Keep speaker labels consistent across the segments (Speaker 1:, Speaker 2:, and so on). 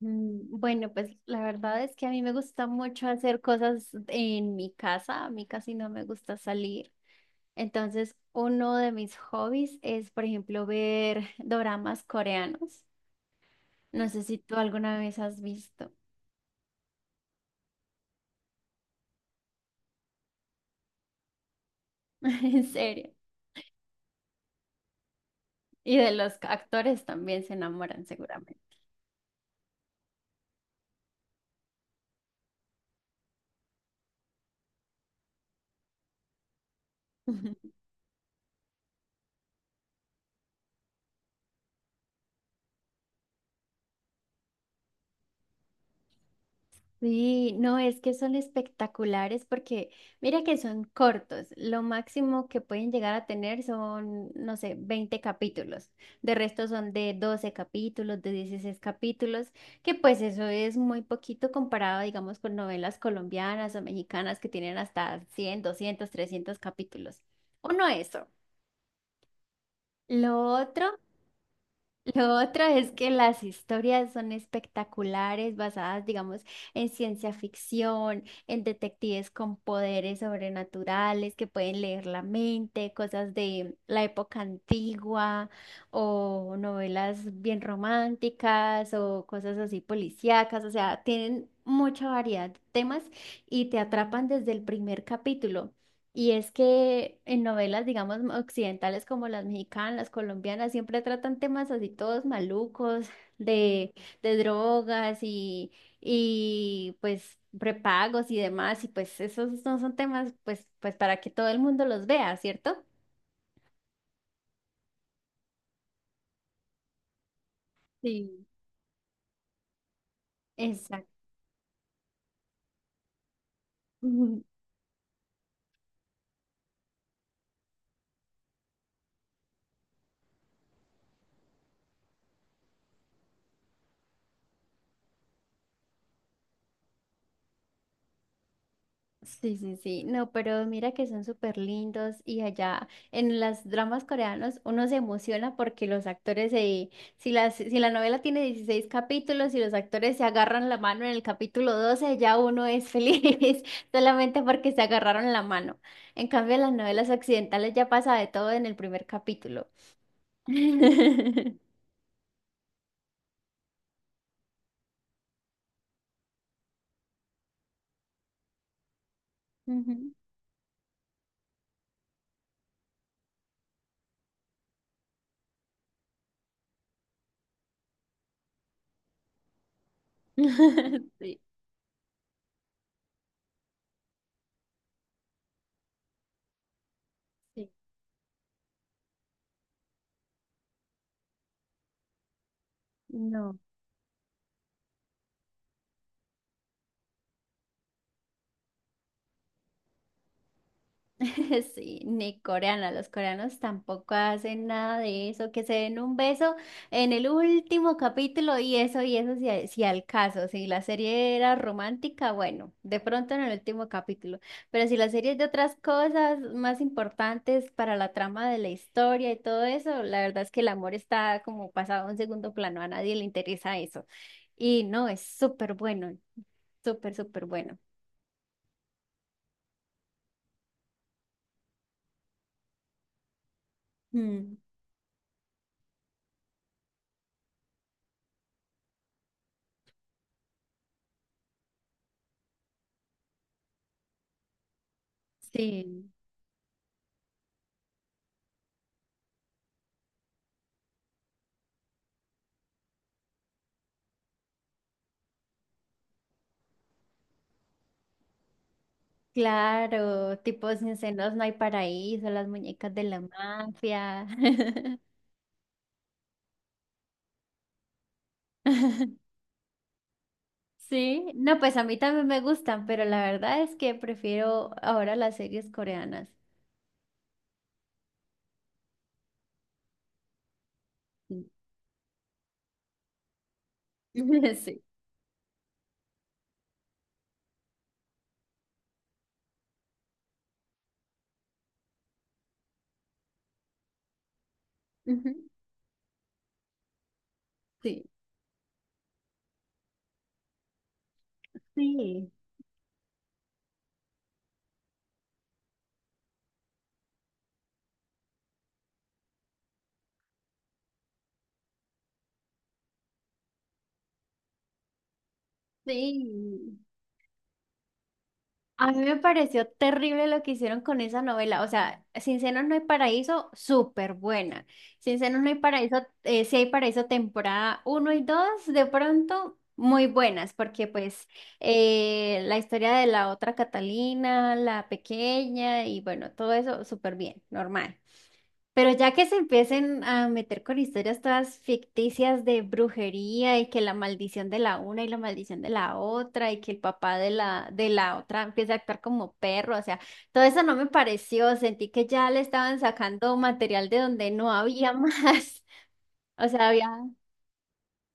Speaker 1: Bueno, pues la verdad es que a mí me gusta mucho hacer cosas en mi casa, a mí casi no me gusta salir. Entonces, uno de mis hobbies es, por ejemplo, ver doramas coreanos. No sé si tú alguna vez has visto, en serio. Y de los actores también se enamoran seguramente. Sí, no, es que son espectaculares porque mira que son cortos. Lo máximo que pueden llegar a tener son, no sé, 20 capítulos. De resto son de 12 capítulos, de 16 capítulos, que pues eso es muy poquito comparado, digamos, con novelas colombianas o mexicanas que tienen hasta 100, 200, 300 capítulos. Uno eso. Lo otro lo otro es que las historias son espectaculares, basadas, digamos, en ciencia ficción, en detectives con poderes sobrenaturales que pueden leer la mente, cosas de la época antigua, o novelas bien románticas, o cosas así policíacas, o sea, tienen mucha variedad de temas y te atrapan desde el primer capítulo. Y es que en novelas, digamos, occidentales como las mexicanas, las colombianas, siempre tratan temas así todos malucos, de, de drogas y pues prepagos y demás, y pues esos no son temas pues, pues para que todo el mundo los vea, ¿cierto? Sí. Exacto. Sí, sí, sí. No, pero mira que son súper lindos y allá en las dramas coreanos uno se emociona porque los actores se, si la novela tiene 16 capítulos y los actores se agarran la mano en el capítulo 12 ya uno es feliz solamente porque se agarraron la mano. En cambio, en las novelas occidentales ya pasa de todo en el primer capítulo. Ujú. Sí, sí. No. Sí, ni coreana. Los coreanos tampoco hacen nada de eso, que se den un beso en el último capítulo y eso, si, si al caso, si la serie era romántica, bueno, de pronto en el último capítulo. Pero si la serie es de otras cosas más importantes para la trama de la historia y todo eso, la verdad es que el amor está como pasado a un segundo plano, a nadie le interesa eso. Y no, es súper bueno, súper, súper bueno. Mm, sí. Claro, tipo Sin Senos No Hay Paraíso, Las Muñecas de la Mafia. Sí, no, pues a mí también me gustan, pero la verdad es que prefiero ahora las series coreanas. Sí. Sí. Ujú. Sí. Sí. Sí. A mí me pareció terrible lo que hicieron con esa novela. O sea, Sin Senos No Hay Paraíso, súper buena. Sin Senos No Hay Paraíso, Sí Hay Paraíso temporada uno y 2, de pronto muy buenas, porque pues la historia de la otra Catalina, la pequeña y bueno, todo eso súper bien, normal. Pero ya que se empiecen a meter con historias todas ficticias de brujería y que la maldición de la una y la maldición de la otra y que el papá de la otra empieza a actuar como perro, o sea, todo eso no me pareció, sentí que ya le estaban sacando material de donde no había más. O sea, había,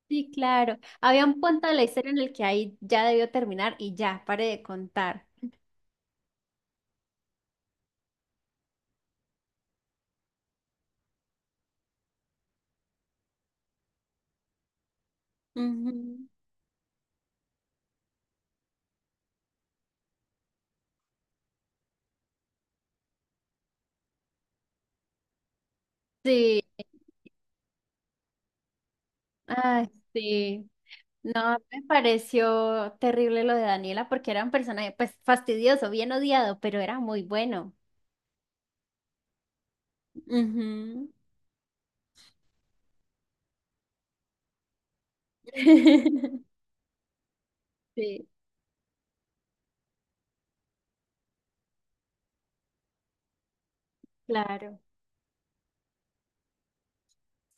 Speaker 1: sí, claro, había un punto de la historia en el que ahí ya debió terminar y ya, pare de contar. Ujú. Sí, ay, sí. No, me pareció terrible lo de Daniela porque era un personaje, pues fastidioso, bien odiado, pero era muy bueno. Ujú. Sí, claro.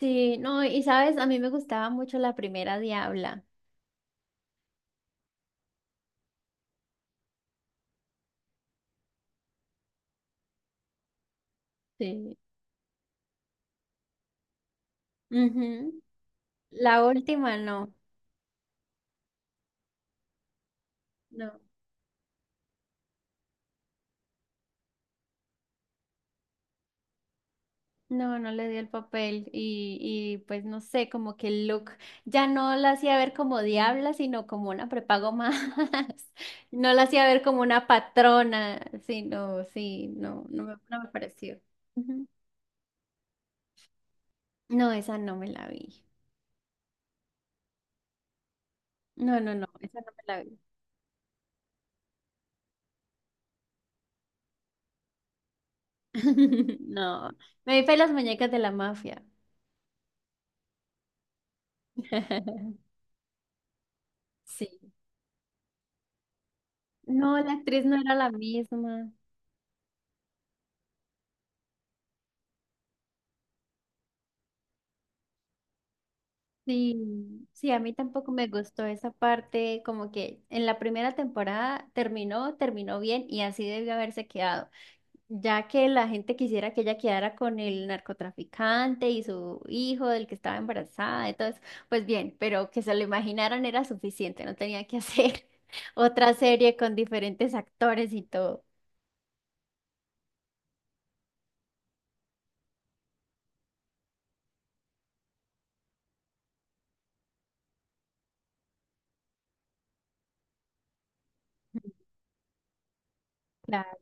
Speaker 1: Sí, no, y sabes, a mí me gustaba mucho la primera Diabla. Sí. Ujú. La última no. No. No, no le dio el papel y pues no sé, como que el look ya no la hacía ver como diabla, sino como una prepago más. No la hacía ver como una patrona, sino, sí, no, no, no me pareció. Ujú. No, esa no me la vi. No, no, no, esa no me la vi. No, me vi fue Las Muñecas de la Mafia. Sí. No, la actriz no era la misma. Sí, sí, a mí tampoco me gustó esa parte, como que en la primera temporada terminó bien y así debió haberse quedado, ya que la gente quisiera que ella quedara con el narcotraficante y su hijo del que estaba embarazada, entonces, pues bien, pero que se lo imaginaran era suficiente, no tenía que hacer otra serie con diferentes actores y todo. Claro,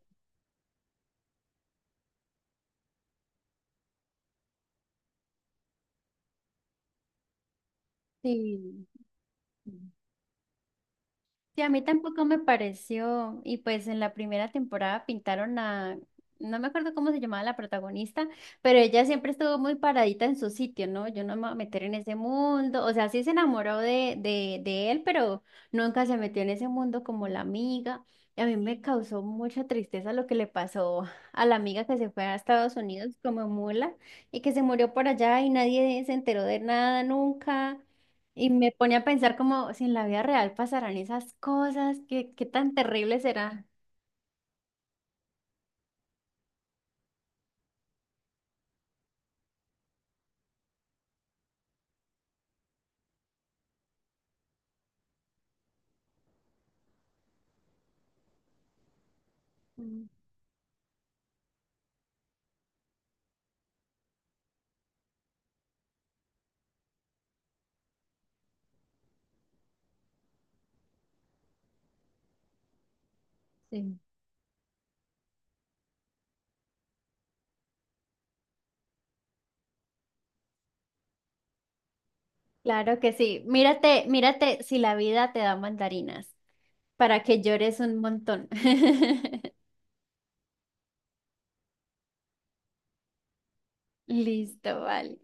Speaker 1: sí. Sí, a mí tampoco me pareció. Y pues en la primera temporada pintaron a, no me acuerdo cómo se llamaba la protagonista, pero ella siempre estuvo muy paradita en su sitio, ¿no? Yo no me voy a meter en ese mundo. O sea, sí se enamoró de él, pero nunca se metió en ese mundo como la amiga. Y a mí me causó mucha tristeza lo que le pasó a la amiga que se fue a Estados Unidos como mula y que se murió por allá y nadie se enteró de nada nunca. Y me pone a pensar como si en la vida real pasarán esas cosas, qué tan terrible será. Mm, sí. Claro que sí. Mírate, mírate si la vida te da mandarinas para que llores un montón. Listo, vale.